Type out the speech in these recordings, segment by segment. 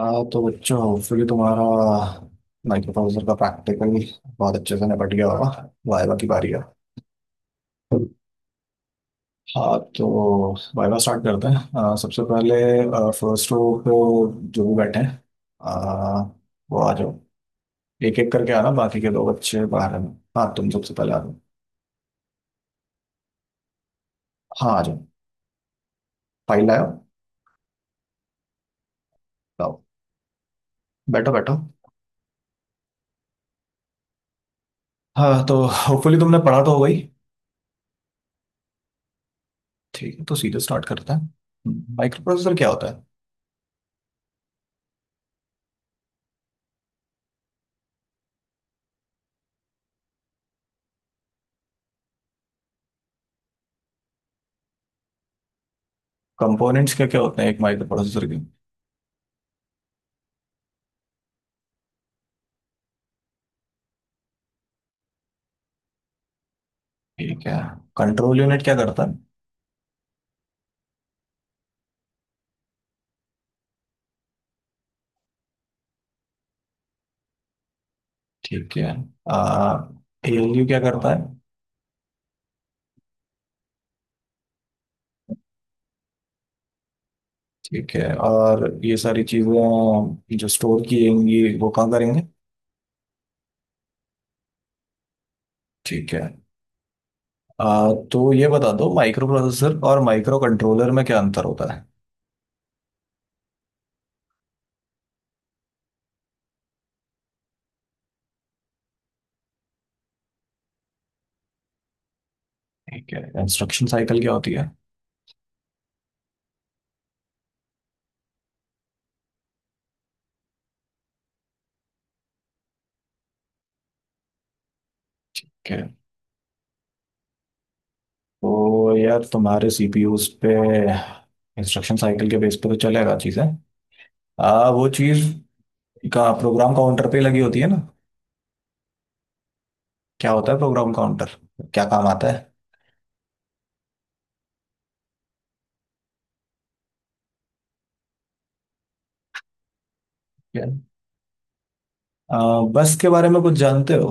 हाँ तो बच्चों, फिर तुम्हारा माइक्रोप्रोसेसर का प्रैक्टिकल बहुत अच्छे से निपट गया होगा। वाइवा की बारी है। हाँ तो वाइवा स्टार्ट करते हैं। सबसे पहले फर्स्ट रो पे जो भी बैठे हैं, अ, वो आ जाओ। एक एक करके आना, बाकी के दो बच्चे बाहर हैं। हाँ तुम सबसे पहले आ जाओ। हाँ आ जाओ, फाइल लाओ। लाओ। बैठो बैठो। हाँ तो होपफुली तुमने पढ़ा तो होगा ही। ठीक है, तो सीधे स्टार्ट करते हैं। माइक्रो प्रोसेसर क्या होता है? कंपोनेंट्स क्या क्या होते हैं एक माइक्रो प्रोसेसर के? ठीक है। कंट्रोल यूनिट क्या करता है? ठीक है। आ एएलयू क्या करता है? ठीक है, और ये सारी चीजें जो स्टोर की जाएंगी वो कहाँ करेंगे? ठीक है। तो ये बता दो, माइक्रो प्रोसेसर और माइक्रो कंट्रोलर में क्या अंतर होता है? ठीक है। इंस्ट्रक्शन साइकिल क्या होती है? ठीक है, तो यार तुम्हारे सीपीयूज पे इंस्ट्रक्शन साइकिल के बेस पे तो चलेगा चीजें। वो चीज का प्रोग्राम काउंटर पे लगी होती है ना। क्या होता है प्रोग्राम काउंटर? क्या काम आता है? अ, बस के बारे में कुछ जानते हो?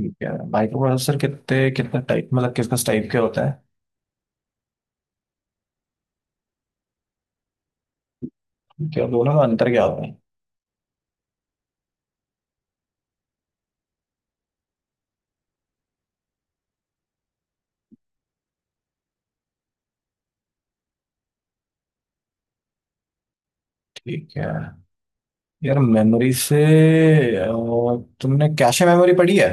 ठीक है। माइक्रोप्रोसेसर कितने कितने टाइप, मतलब किस किस टाइप के होता है? ठीक है, और दोनों में अंतर क्या होता है? ठीक है। यार मेमोरी से, अ, तुमने कैशे मेमोरी पढ़ी है?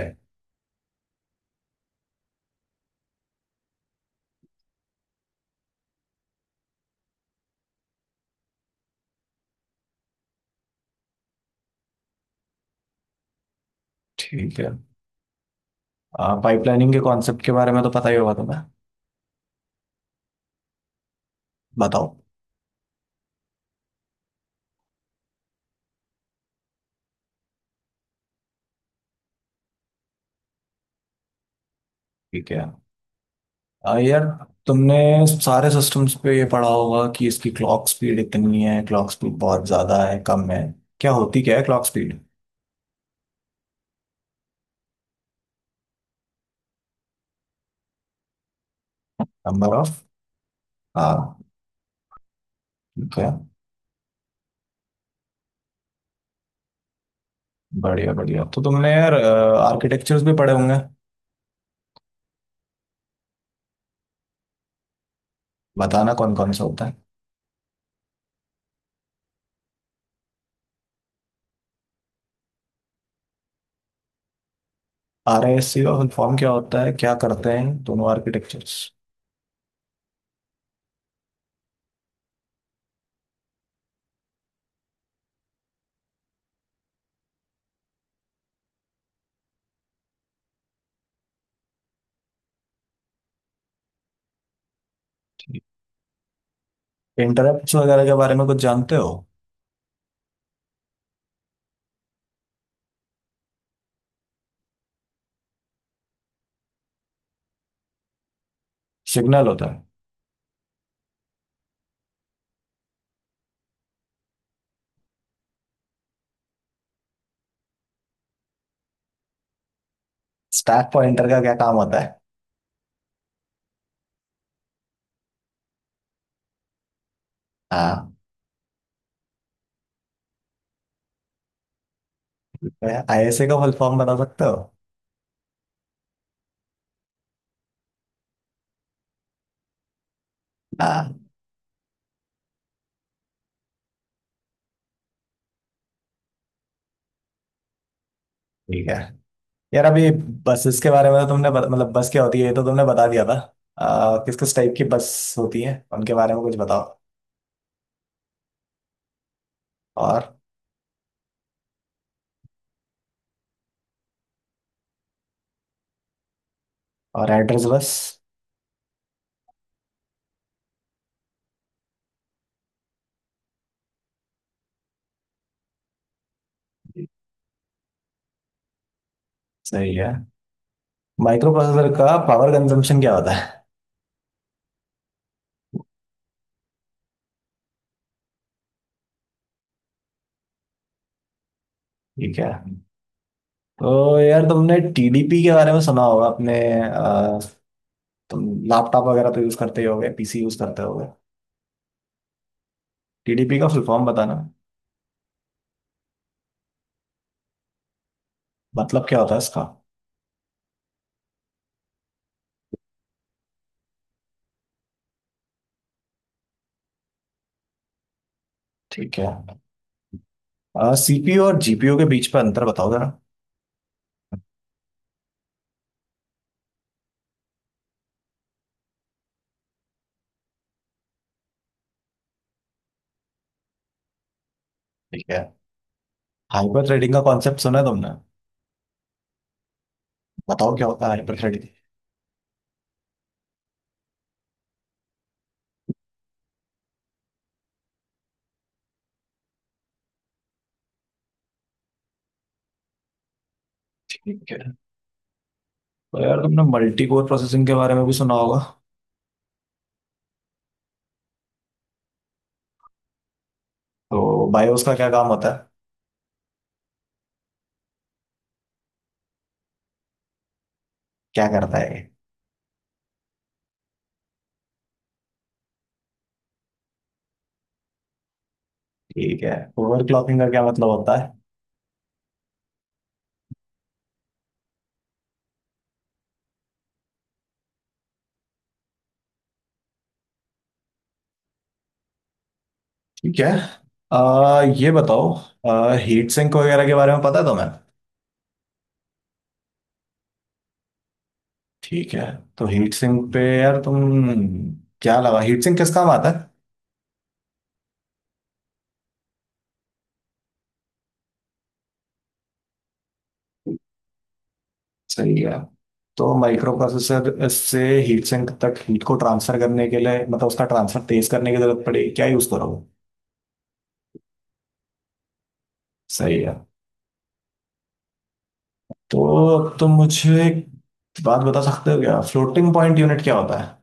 ठीक है। पाइपलाइनिंग के कॉन्सेप्ट के बारे में तो पता ही होगा तुम्हें, बताओ। ठीक है। यार तुमने सारे सिस्टम्स पे ये पढ़ा होगा कि इसकी क्लॉक स्पीड इतनी है, क्लॉक स्पीड बहुत ज्यादा है, कम है। क्या है क्लॉक स्पीड? Number of. हाँ। बढ़िया बढ़िया, तो तुमने यार आर्किटेक्चर्स भी पढ़े होंगे। बताना कौन कौन सा होता है। RISC का फॉर्म क्या होता है, क्या करते हैं दोनों आर्किटेक्चर्स? इंटरप्ट्स वगैरह के बारे में कुछ जानते हो? सिग्नल होता है। स्टैक पॉइंटर का क्या काम होता है? हाँ। ISA का फुल फॉर्म बता सकते हो? हाँ। ठीक है। यार अभी बसेस के बारे में तो तुमने मतलब बस क्या होती है ये तो तुमने बता दिया था। किस किस टाइप की बस होती है उनके बारे में कुछ बताओ। और और एड्रेस बस? सही है। माइक्रो प्रोसेसर का पावर कंजम्पशन क्या होता है? ठीक है, तो यार तुमने टीडीपी के बारे में सुना होगा अपने। तुम लैपटॉप वगैरह तो यूज करते ही होगे, पीसी यूज करते होगे। टीडीपी का फुल फॉर्म बताना। मतलब क्या होता है इसका? ठीक है। सीपीयू और जीपीयू के बीच पर अंतर बताओ जरा। ठीक है। हाइपर थ्रेडिंग का कॉन्सेप्ट सुना है तुमने? बताओ क्या होता है हाइपर थ्रेडिंग। ठीक है, तो यार तुमने मल्टी कोर प्रोसेसिंग के बारे में भी सुना होगा। तो बायोस का क्या काम होता है? क्या करता है ये? ठीक है। ओवर क्लॉकिंग का क्या मतलब होता है? ठीक है। ये बताओ, हीट सिंक वगैरह के बारे में पता है तुम्हें? ठीक है। तो हीट सिंक पे यार तुम क्या लगा, हीट सिंक किस काम आता है? सही है। तो माइक्रो प्रोसेसर से हीट सिंक तक हीट को ट्रांसफर करने के लिए, मतलब उसका ट्रांसफर तेज करने की जरूरत पड़ेगी, क्या यूज करोगे? सही है। तो तुम मुझे एक बात बता सकते हो क्या, फ्लोटिंग पॉइंट यूनिट क्या होता है?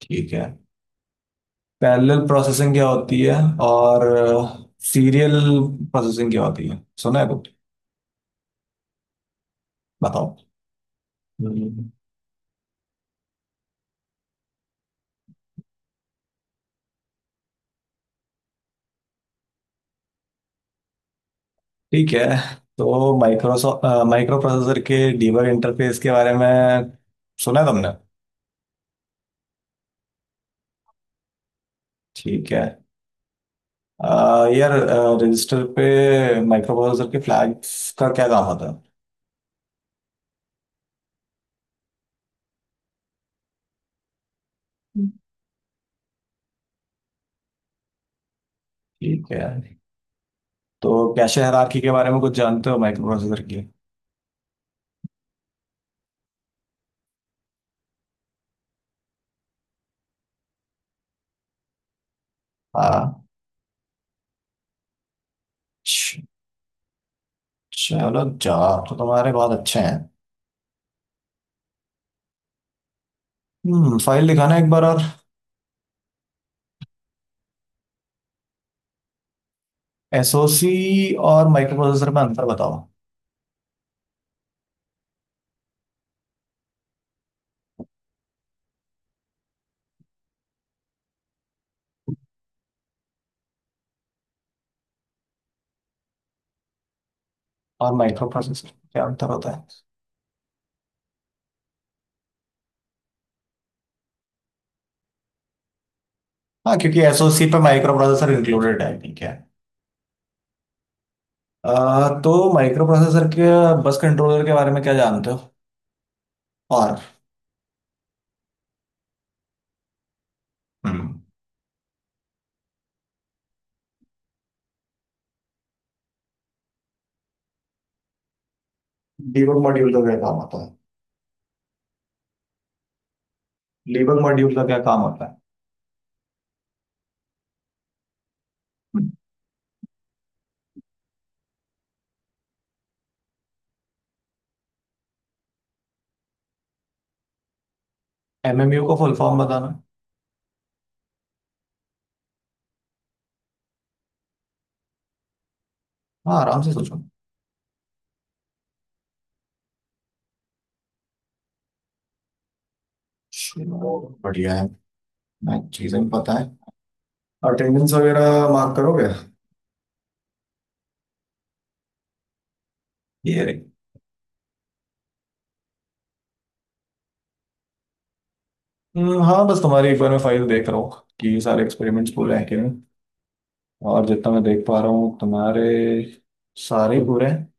ठीक है। पैरेलल प्रोसेसिंग क्या होती है और सीरियल प्रोसेसिंग क्या होती है, सुना है कुछ? बताओ। हम्म। ठीक है, तो माइक्रोसॉफ्ट माइक्रो प्रोसेसर के डीबग इंटरफेस के बारे में सुना है तुमने? ठीक है। यार रजिस्टर पे माइक्रो प्रोसेसर के फ्लैग्स का क्या काम होता है? हम्म। ठीक है, तो कैशे हायरार्की के बारे में कुछ जानते हो माइक्रो प्रोसेसर के? हाँ। च- चलो, जवाब तो तुम्हारे बहुत अच्छे हैं। फाइल दिखाना एक बार और। एसओसी और माइक्रो प्रोसेसर में अंतर बताओ। और माइक्रो प्रोसेसर क्या अंतर होता है? हाँ, क्योंकि एसओसी पे माइक्रो प्रोसेसर इंक्लूडेड है। ठीक है। अ, तो माइक्रो प्रोसेसर के बस कंट्रोलर के बारे में क्या जानते हो? और हम्म डीबग मॉड्यूल का क्या काम होता है? डीबग मॉड्यूल का क्या काम होता है? एमएमयू को फुल फॉर्म बताना है। हाँ, आराम से सोचो। चलो, बढ़िया है। मैं चीजें भी पता है। अटेंडेंस वगैरह मार्क करोगे? ये रे। हाँ, बस तुम्हारी एक बार मैं फाइल देख रहा हूँ कि सारे एक्सपेरिमेंट्स पूरे हैं कि नहीं, और जितना मैं देख पा रहा हूँ तुम्हारे सारे पूरे हैं।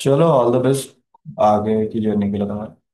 चलो, ऑल द बेस्ट आगे की जर्नी के लिए तुम्हारे।